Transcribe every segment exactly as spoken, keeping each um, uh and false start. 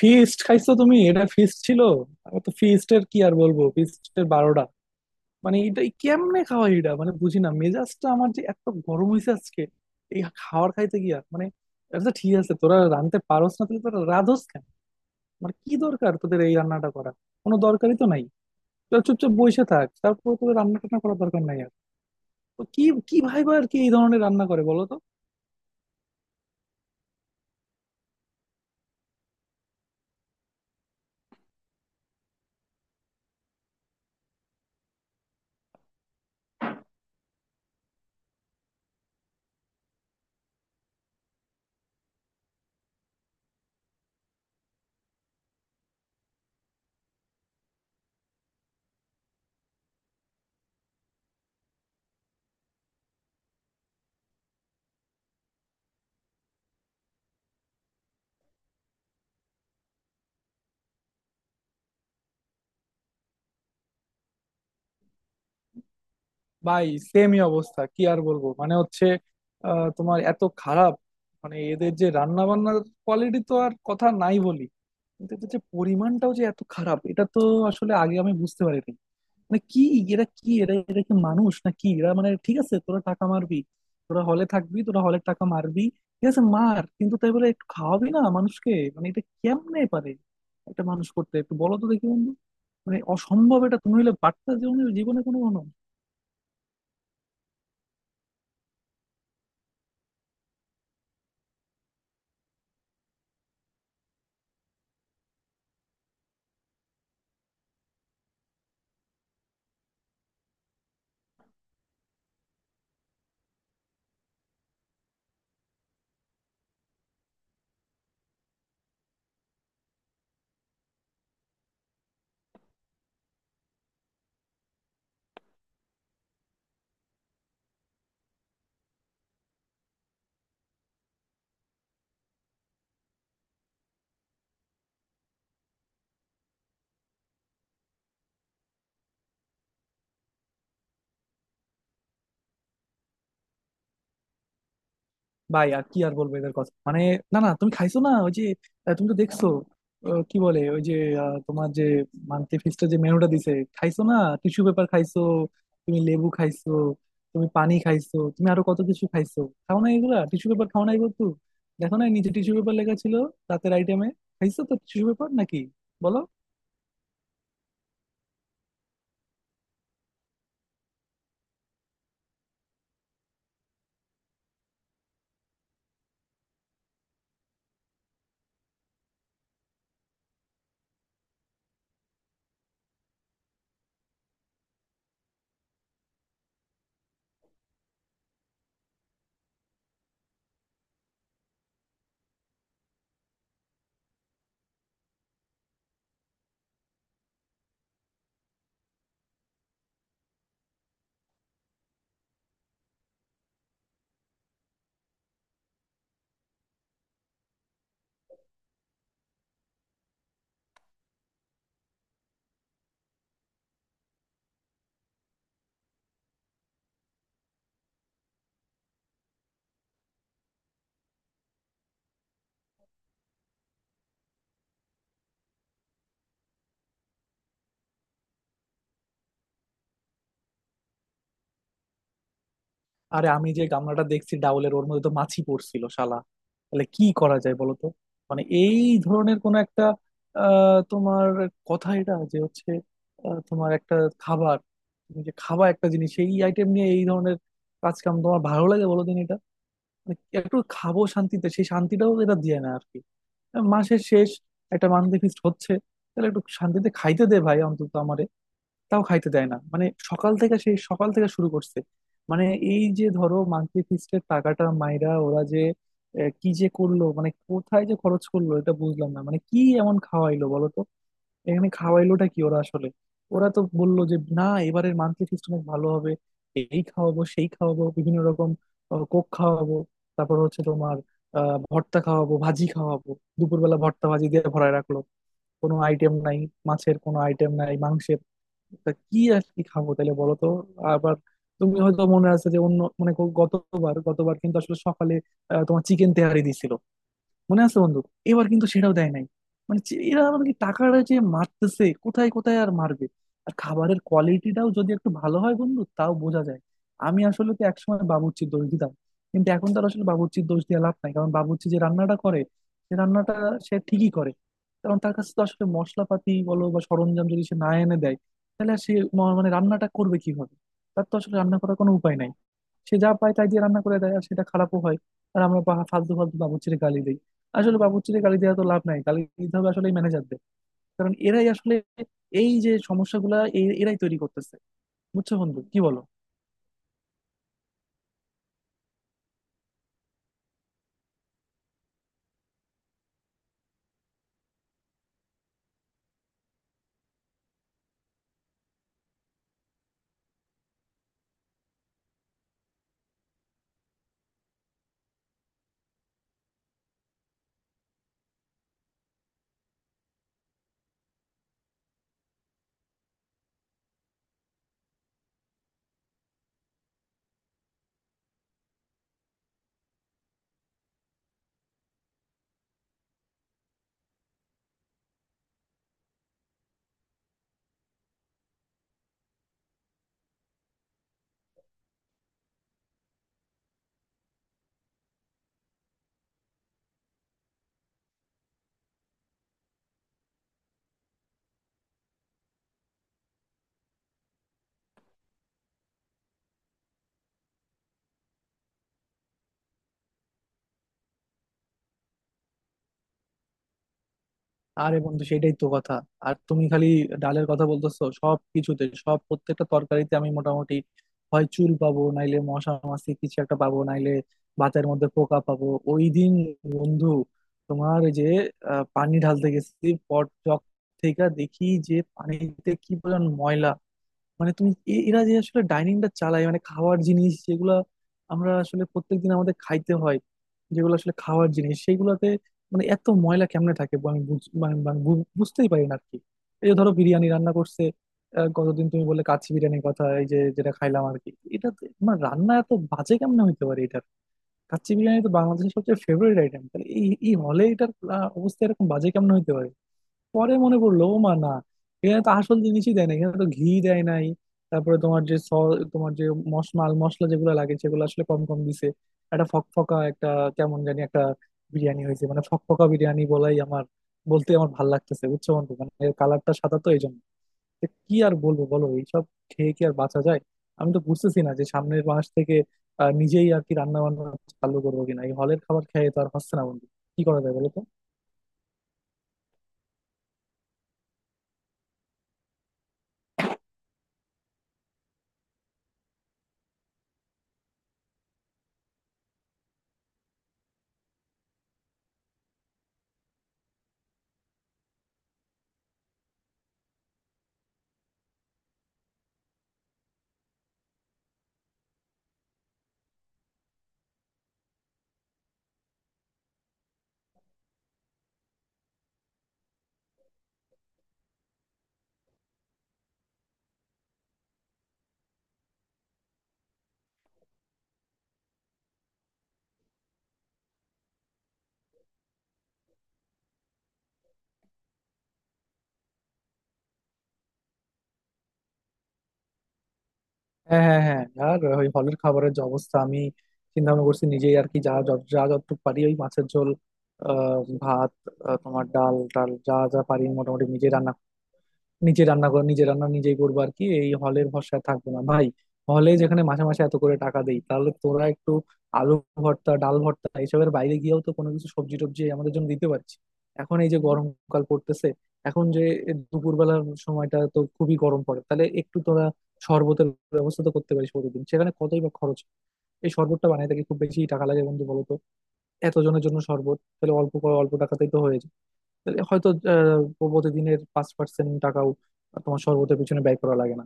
Feast খাইছো তুমি? এটা ফিস্ট ছিল? আমি তো ফিস্টের কি আর বলবো, ফিস্টের বারোটা। মানে এটা কেমনে খাওয়া, এটা মানে বুঝি না। মেজাজটা আমার যে এত গরম হয়েছে আজকে এই খাবার খাইতে গিয়া, মানে আচ্ছা ঠিক আছে, তোরা রাঁধতে পারোস না তাহলে তোরা রাঁধোস কেন? মানে কি দরকার তোদের এই রান্নাটা করা? কোনো দরকারই তো নাই। তোরা চুপচাপ বসে থাক, তারপর তোদের রান্না টান্না করার দরকার নাই আর। তো কি, কি ভাই? আর কি এই ধরনের রান্না করে বলো তো? ভাই সেমই অবস্থা, কি আর বলবো, মানে হচ্ছে আহ, তোমার এত খারাপ, মানে এদের যে রান্না বান্নার কোয়ালিটি তো আর কথা নাই বলি, কিন্তু এদের যে পরিমাণটাও যে এত খারাপ এটা তো আসলে আগে আমি বুঝতে পারিনি। মানে কি এরা, কি এরা এরা কি মানুষ না কি এরা মানে, ঠিক আছে তোরা টাকা মারবি, তোরা হলে থাকবি, তোরা হলের টাকা মারবি, ঠিক আছে মার, কিন্তু তাই বলে একটু খাওয়াবি না মানুষকে? মানে এটা কেমনে পারে একটা মানুষ করতে, একটু বলো তো দেখি বন্ধু। মানে অসম্ভব এটা, তুমি হলে পারতা জীবনে? জীবনে কোনো কোনো। ভাই আর কি আর বলবো এদের কথা, মানে না না, তুমি খাইছো না ওই যে, আহ, তুমি তো দেখছো, আহ, কি বলে ওই যে, আহ, তোমার যে মান্থলি ফিক্সটা, যে মেনুটা দিছে, খাইছো না? টিস্যু পেপার খাইছো, তুমি লেবু খাইছো, তুমি পানি খাইছো, তুমি আরো কত কিছু খাইছো। খাও না এগুলা, টিস্যু পেপার খাও না এগুলো তো। দেখো না নিচে টিস্যু পেপার লেখা ছিল রাতের আইটেমে? খাইছো তো টিস্যু পেপার নাকি? বলো। আরে আমি যে গামলাটা দেখছি ডাউলের, ওর মধ্যে তো মাছি পড়ছিল শালা। তাহলে কি করা যায় বলো তো? মানে এই ধরনের কোন একটা, আহ, তোমার কথা, এটা যে হচ্ছে আহ, তোমার একটা খাবার, তুমি যে খাবা একটা জিনিস, এই আইটেম নিয়ে এই ধরনের কাজ কাম তোমার ভালো লাগে বলো? দিন এটা, মানে একটু খাবো শান্তিতে, সেই শান্তিটাও এটা দিয়ে না আর কি। মাসের শেষ একটা মান্থলি ফিস্ট হচ্ছে, তাহলে একটু শান্তিতে খাইতে দে ভাই অন্তত আমার। তাও খাইতে দেয় না, মানে সকাল থেকে, সেই সকাল থেকে শুরু করছে। মানে এই যে ধরো মান্থলি ফিস্টের টাকাটা মাইরা ওরা যে আহ, কি যে করলো, মানে কোথায় যে খরচ করলো এটা বুঝলাম না, মানে কি এমন খাওয়াইলো বলো তো? এখানে খাওয়াইলোটা কি ওরা আসলে? ওরা তো বললো যে না, এবারের মান্থলি ফিস্ট অনেক ভালো হবে, এই খাওয়াবো সেই খাওয়াবো বিভিন্ন রকম, কোক খাওয়াবো, তারপর হচ্ছে তোমার আহ ভর্তা খাওয়াবো ভাজি খাওয়াবো। দুপুরবেলা ভর্তা ভাজি দিয়ে ভরায় রাখলো, কোনো আইটেম নাই, মাছের কোনো আইটেম নাই, মাংসের। তা কি আর কি খাবো তাহলে বলো তো? আবার তুমি হয়তো মনে আছে যে অন্য, মানে গ- গতবার গতবার কিন্তু আসলে সকালে আহ, তোমার চিকেন তেহারি দিছিল, মনে আছে বন্ধু? এবার কিন্তু সেটাও দেয় নাই। মানে যে- এরা আমাদেরকে টাকাটা যে মারতেছে, কোথায় কোথায় আর মারবে? আর খাবারের কোয়ালিটিটাও যদি একটু ভালো হয় বন্ধু, তাও বোঝা যায়। আমি আসলে তো একসময় বাবুর্চির দোষ দিতাম, কিন্তু এখন তার আসলে বাবুর্চির দোষ দিয়ে লাভ নাই। কারণ বাবুর্চি যে রান্নাটা করে, সে রান্নাটা সে ঠিকই করে। কারণ তার কাছে তো আসলে মশলাপাতি বলো বা সরঞ্জাম যদি সে না এনে দেয়, তাহলে আর সে ম- মানে রান্নাটা করবে কিভাবে? তার তো আসলে রান্না করার কোনো উপায় নাই। সে যা পায় তাই দিয়ে রান্না করে দেয়, আর সেটা খারাপও হয়। আর আমরা বা- ফালতু ফালতু বাবুর্চির গালি দিই। আসলে বাবুর্চিরে গালি দেওয়া তো লাভ নাই, গালি দিতে হবে আসলে ম্যানেজারদের। কারণ এরাই আসলে এই যে সমস্যাগুলা, এ- এরাই তৈরি করতেছে। বুঝছো বন্ধু, কি বলো? আরে বন্ধু সেটাই তো কথা। আর তুমি খালি ডালের কথা বলতেছো, সব কিছুতে, সব প্রত্যেকটা তরকারিতে আমি মোটামুটি হয় চুল পাবো, নাইলে মশা মাছি কিছু একটা পাবো, নাইলে ভাতের মধ্যে পোকা পাবো। ওই দিন বন্ধু, তোমার এই যে আহ, পানি ঢালতে গেছি পট জগ থেকে, দেখি যে পানিতে কি পরিমাণ ময়লা! মানে তুমি এ- এরা যে আসলে ডাইনিংটা চালায়, মানে খাওয়ার জিনিস যেগুলা আমরা আসলে প্রত্যেকদিন আমাদের খাইতে হয়, যেগুলো আসলে খাওয়ার জিনিস সেইগুলাতে মানে এত ময়লা কেমনে থাকে? বু- আমি বুঝ- মানে- মানে বু- বুঝতেই পারি না আর কি। এই যে ধরো বিরিয়ানি রান্না করছে, আহ, গতদিন তুমি বললে কাচ্চি বিরিয়ানির কথা, এই যে যেটা খাইলাম আর কি, এটা তো- মানে রান্না এত বাজে কেমনে হইতে পারে এটার? কাচ্চি বিরিয়ানি তো বাংলাদেশের সবচেয়ে ফেভারিট আইটেম, তাহলে এই এই হলে এটার আহ, অবস্থা এরকম বাজে কেমনে হইতে পারে? পরে মনে পড়লো, ও মা না, এখানে তো আসল জিনিসই দেয় না, এখানে তো ঘি দেয় নাই। তারপরে তোমার যে স তোমার যে মশ মাল মশলা যেগুলো লাগে সেগুলো আসলে কম কম দিছে। একটা ফকফকা, একটা কেমন জানি একটা বিরিয়ানি হয়েছে, মানে ফকফকা বিরিয়ানি বলাই আমার, বলতে আমার ভাল লাগতেছে, বুঝছো বন্ধু। মানে এর কালারটা সাদা তো এই জন্য। তো কি আর বলবো বলো, এইসব খেয়ে কি আর বাঁচা যায়? আমি তো বুঝতেছি না যে সামনের মাস থেকে আহ, নিজেই আর কি রান্না বান্না চালু করবো কিনা, এই হলের খাবার খেয়ে তো আর হচ্ছে না বন্ধু। কি করা যায় বলো তো? হ্যাঁ, হ্যাঁ, হ্যাঁ, আর ওই হলের খাবারের যে অবস্থা, আমি চিন্তা ভাবনা করছি নিজেই আর কি, যা যত- যা যতটুকু পারি, ওই মাছের ঝোল, আহ, ভাত, আহ, তোমার ডাল টাল, যা যা পারি মোটামুটি নিজেই রান্না, নিজে রান্না করে নিজে রান্না নিজেই করবো আর কি, এই হলের ভরসায় থাকবো না ভাই। হলে যেখানে মাসে মাসে এত করে টাকা দেই, তাহলে তোরা একটু আলু ভর্তা, ডাল ভর্তা এসবের বাইরে গিয়েও তো কোনো কিছু সবজি টবজি আমাদের জন্য দিতে পারছি। এখন এই যে গরমকাল পড়তেছে, এখন যে দুপুরবেলার সময়টা তো খুবই গরম পড়ে, তাহলে একটু তোরা শরবতের ব্যবস্থা তো করতে পারিস প্রতিদিন। সেখানে কতই বা খরচ, এই শরবতটা বানাইতে কি খুব বেশি টাকা লাগে বন্ধু বলো তো? এতজনের জন্য শরবত, তাহলে অল্প করে- অল্প টাকাতেই তো হয়ে যায়। তাহলে হয়তো আহ, প্রতিদিনের পাঁচ পার্সেন্ট টাকাও তোমার শরবতের পিছনে ব্যয় করা লাগে না।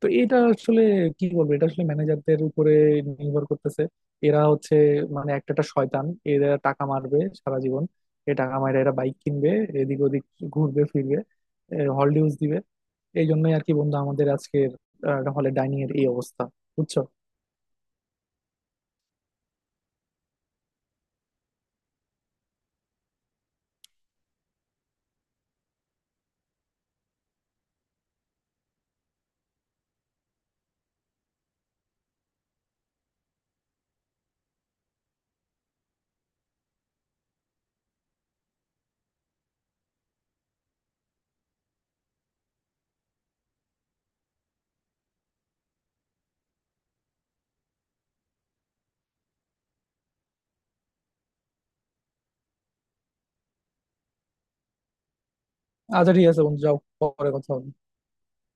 তো এটা আসলে কি বলবো, এটা আসলে ম্যানেজারদের উপরে নির্ভর করতেছে। এরা হচ্ছে মানে একটা একটা শয়তান, এরা টাকা মারবে সারা জীবন। এ টাকা মাইরা এরা বাইক কিনবে, এদিক ওদিক ঘুরবে ফিরবে, হল ডিউজ দিবে। এই জন্যই আর কি বন্ধু আমাদের আজকের হলে ডাইনিং এর এই অবস্থা, বুঝছো। আচ্ছা ঠিক আছে বন্ধু, যাও, পরে কথা হবে।